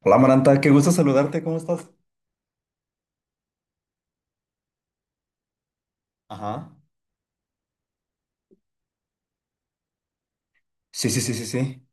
Hola Maranta, qué gusto saludarte, ¿cómo estás? Ajá. Sí, sí, sí, sí, sí,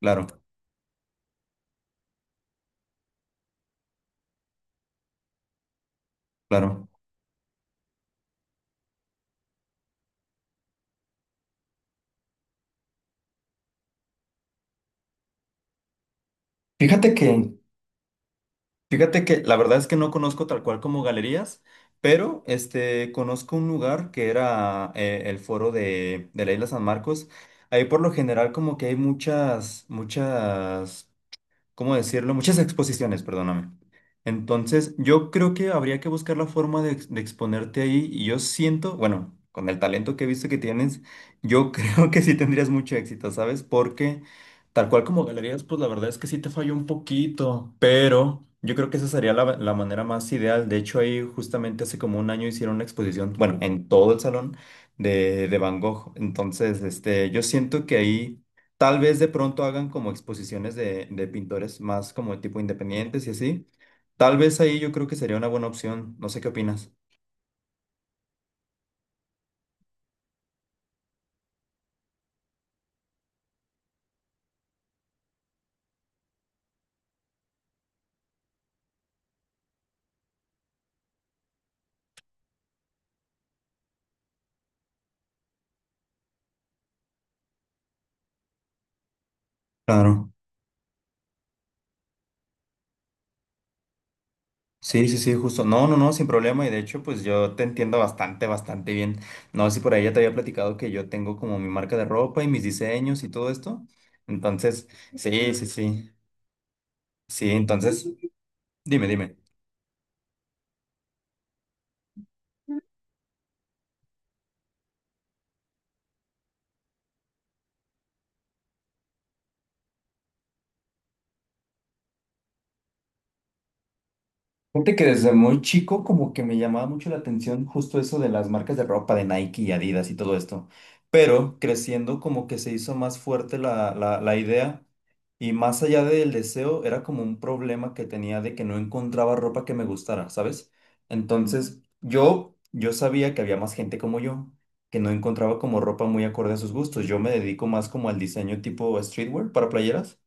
claro, claro. Fíjate que, fíjate que la verdad es que no conozco tal cual como galerías, pero este, conozco un lugar que era el foro de la Isla San Marcos. Ahí por lo general como que hay muchas, muchas ¿cómo decirlo? Muchas exposiciones, perdóname. Entonces, yo creo que habría que buscar la forma de, de exponerte ahí y yo siento, bueno, con el talento que he visto que tienes, yo creo que sí tendrías mucho éxito, ¿sabes? Porque tal cual como galerías, pues la verdad es que sí te falló un poquito, pero yo creo que esa sería la manera más ideal. De hecho, ahí justamente hace como un año hicieron una exposición, bueno, en todo el salón de Van Gogh. Entonces, este, yo siento que ahí… Tal vez de pronto hagan como exposiciones de pintores más como tipo independientes y así. Tal vez ahí yo creo que sería una buena opción. No sé qué opinas. Claro. Sí, sí, sí, justo. No, no, no, sin problema. Y de hecho, pues yo te entiendo bastante, bastante bien. No sé si por ahí ya te había platicado que yo tengo como mi marca de ropa y mis diseños y todo esto. Entonces, sí, sí, sí. Sí, entonces, dime, dime. Fíjate que desde muy chico como que me llamaba mucho la atención justo eso de las marcas de ropa de Nike y Adidas y todo esto, pero creciendo como que se hizo más fuerte la idea y más allá del deseo era como un problema que tenía de que no encontraba ropa que me gustara, ¿sabes? Entonces yo sabía que había más gente como yo que no encontraba como ropa muy acorde a sus gustos, yo me dedico más como al diseño tipo streetwear para playeras.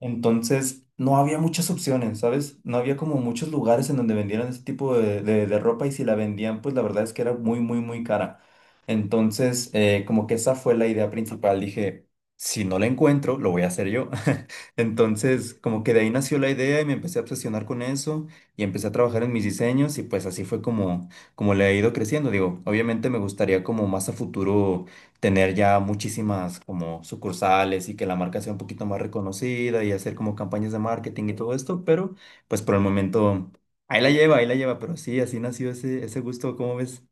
Entonces, no había muchas opciones, ¿sabes? No había como muchos lugares en donde vendieran ese tipo de, de ropa y si la vendían, pues la verdad es que era muy, muy, muy cara. Entonces, como que esa fue la idea principal. Dije, si no la encuentro, lo voy a hacer yo. Entonces, como que de ahí nació la idea y me empecé a obsesionar con eso y empecé a trabajar en mis diseños y pues así fue como, como le he ido creciendo. Digo, obviamente me gustaría como más a futuro tener ya muchísimas como sucursales y que la marca sea un poquito más reconocida y hacer como campañas de marketing y todo esto, pero pues por el momento ahí la lleva, pero sí, así nació ese, ese gusto, ¿cómo ves?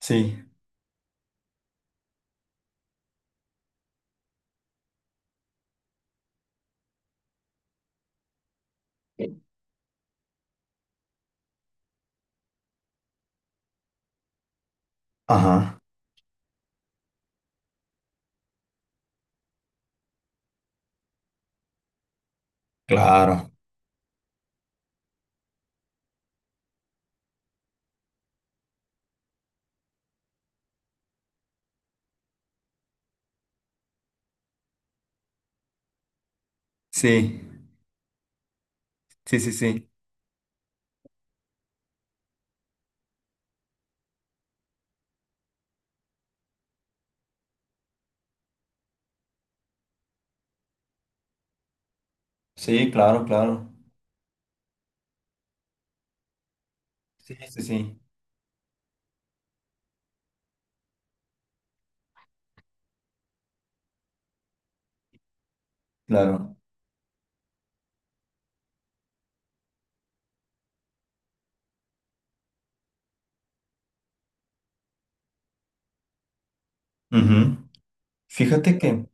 Sí. Ajá, claro. Sí, sí, sí, sí. Sí, claro, claro. Sí, sí, sí, claro. Ujú. Fíjate que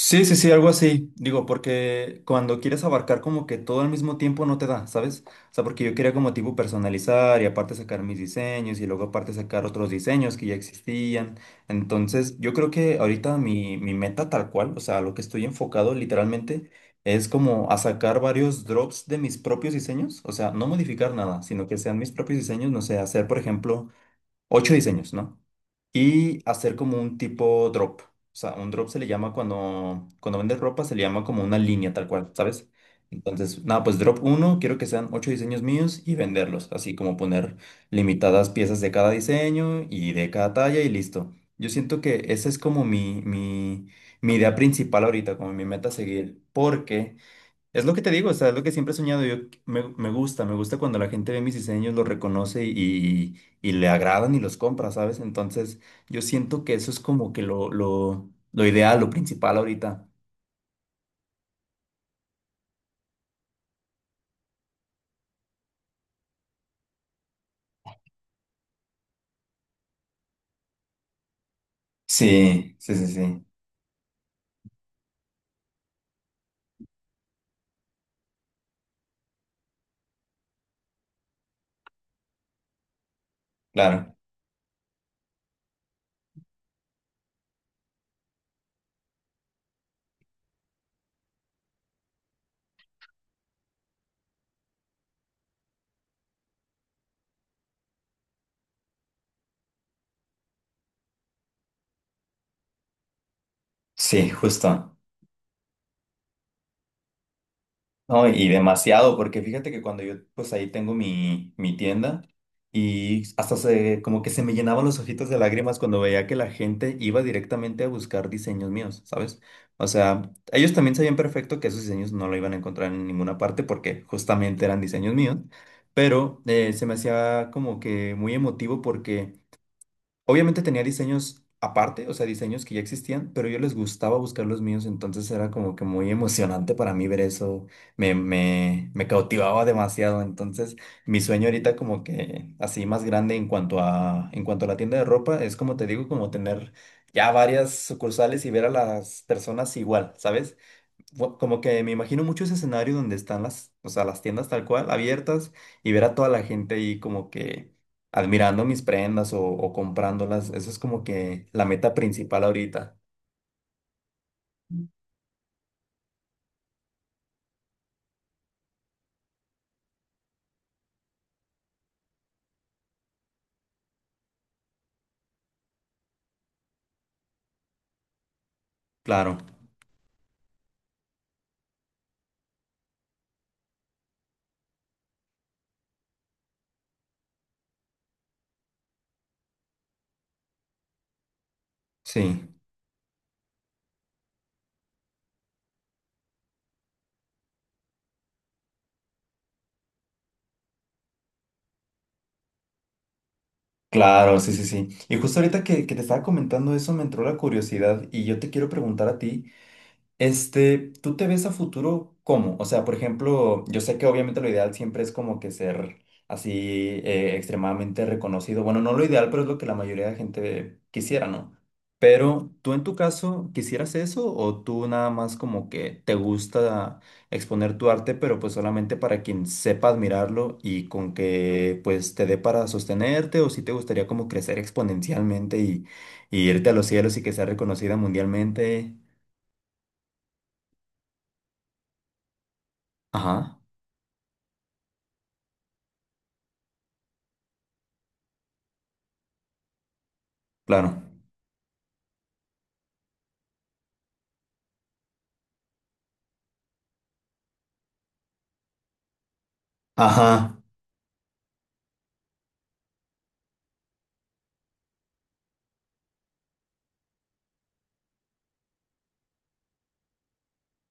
sí, sí, sí, algo así. Digo, porque cuando quieres abarcar como que todo al mismo tiempo no te da, ¿sabes? O sea, porque yo quería como tipo personalizar y aparte sacar mis diseños y luego aparte sacar otros diseños que ya existían. Entonces, yo creo que ahorita mi meta tal cual, o sea, lo que estoy enfocado literalmente es como a sacar varios drops de mis propios diseños. O sea, no modificar nada, sino que sean mis propios diseños, no sé, hacer, por ejemplo, ocho diseños, ¿no? Y hacer como un tipo drop. O sea, un drop se le llama cuando, cuando vendes ropa, se le llama como una línea tal cual, ¿sabes? Entonces, nada, pues drop uno, quiero que sean ocho diseños míos y venderlos, así como poner limitadas piezas de cada diseño y de cada talla y listo. Yo siento que esa es como mi idea principal ahorita, como mi meta a seguir, porque… Es lo que te digo, o sea, es lo que siempre he soñado. Yo me gusta cuando la gente ve mis diseños, los reconoce y le agradan y los compra, ¿sabes? Entonces, yo siento que eso es como que lo ideal, lo principal ahorita. Sí, sí, sí, sí, claro. Sí, justo. No, y demasiado, porque fíjate que cuando yo, pues ahí tengo mi, mi tienda y hasta se, como que se me llenaban los ojitos de lágrimas cuando veía que la gente iba directamente a buscar diseños míos, ¿sabes? O sea, ellos también sabían perfecto que esos diseños no lo iban a encontrar en ninguna parte porque justamente eran diseños míos, pero se me hacía como que muy emotivo porque… Obviamente tenía diseños aparte, o sea, diseños que ya existían, pero yo les gustaba buscar los míos, entonces era como que muy emocionante para mí ver eso, me cautivaba demasiado, entonces mi sueño ahorita como que así más grande en cuanto a la tienda de ropa, es como te digo, como tener ya varias sucursales y ver a las personas igual, ¿sabes? Como que me imagino mucho ese escenario donde están las, o sea, las tiendas tal cual abiertas y ver a toda la gente ahí como que admirando mis prendas o comprándolas. Eso es como que la meta principal ahorita. Claro, sí. Claro, sí, sí, sí. Y justo ahorita que te estaba comentando eso me entró la curiosidad y yo te quiero preguntar a ti. Este, ¿tú te ves a futuro cómo? O sea, por ejemplo, yo sé que obviamente lo ideal siempre es como que ser así extremadamente reconocido. Bueno, no lo ideal, pero es lo que la mayoría de gente quisiera, ¿no? Pero tú en tu caso, ¿quisieras eso o tú nada más como que te gusta exponer tu arte, pero pues solamente para quien sepa admirarlo y con que pues te dé para sostenerte o si te gustaría como crecer exponencialmente y irte a los cielos y que sea reconocida mundialmente? Ajá. Claro. Ajá,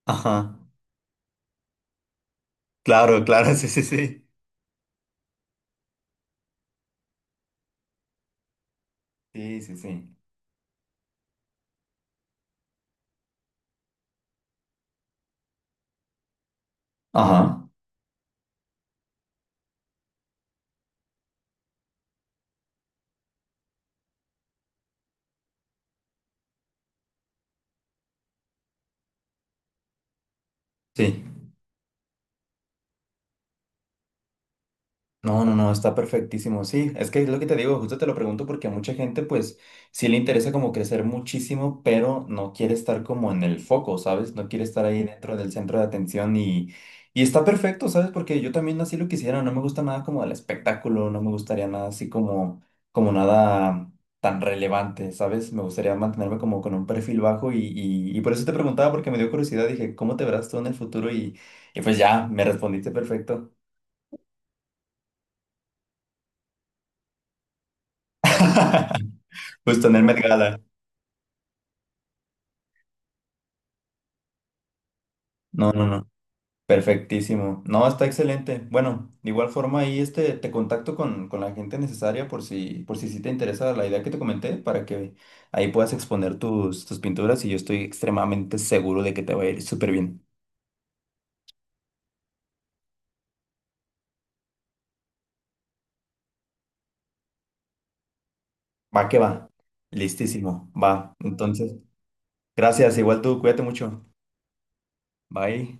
ajá. Claro, claro, sí, sí, sí. Sí, sí, sí. Ajá, sí. No, no, no, está perfectísimo. Sí, es que es lo que te digo, justo te lo pregunto porque a mucha gente pues sí le interesa como crecer muchísimo, pero no quiere estar como en el foco, ¿sabes? No quiere estar ahí dentro del centro de atención y está perfecto, ¿sabes? Porque yo también así lo quisiera, no me gusta nada como el espectáculo, no me gustaría nada así como, como nada tan relevante, ¿sabes? Me gustaría mantenerme como con un perfil bajo y por eso te preguntaba porque me dio curiosidad, dije, ¿cómo te verás tú en el futuro? Y pues ya, me respondiste perfecto. Justo en el Met Gala. No, no, no. Perfectísimo. No, está excelente. Bueno, de igual forma ahí este, te contacto con la gente necesaria por si sí te interesa la idea que te comenté para que ahí puedas exponer tus, tus pinturas y yo estoy extremadamente seguro de que te va a ir súper bien. Va que va. Listísimo. Va. Entonces, gracias. Igual tú, cuídate mucho. Bye.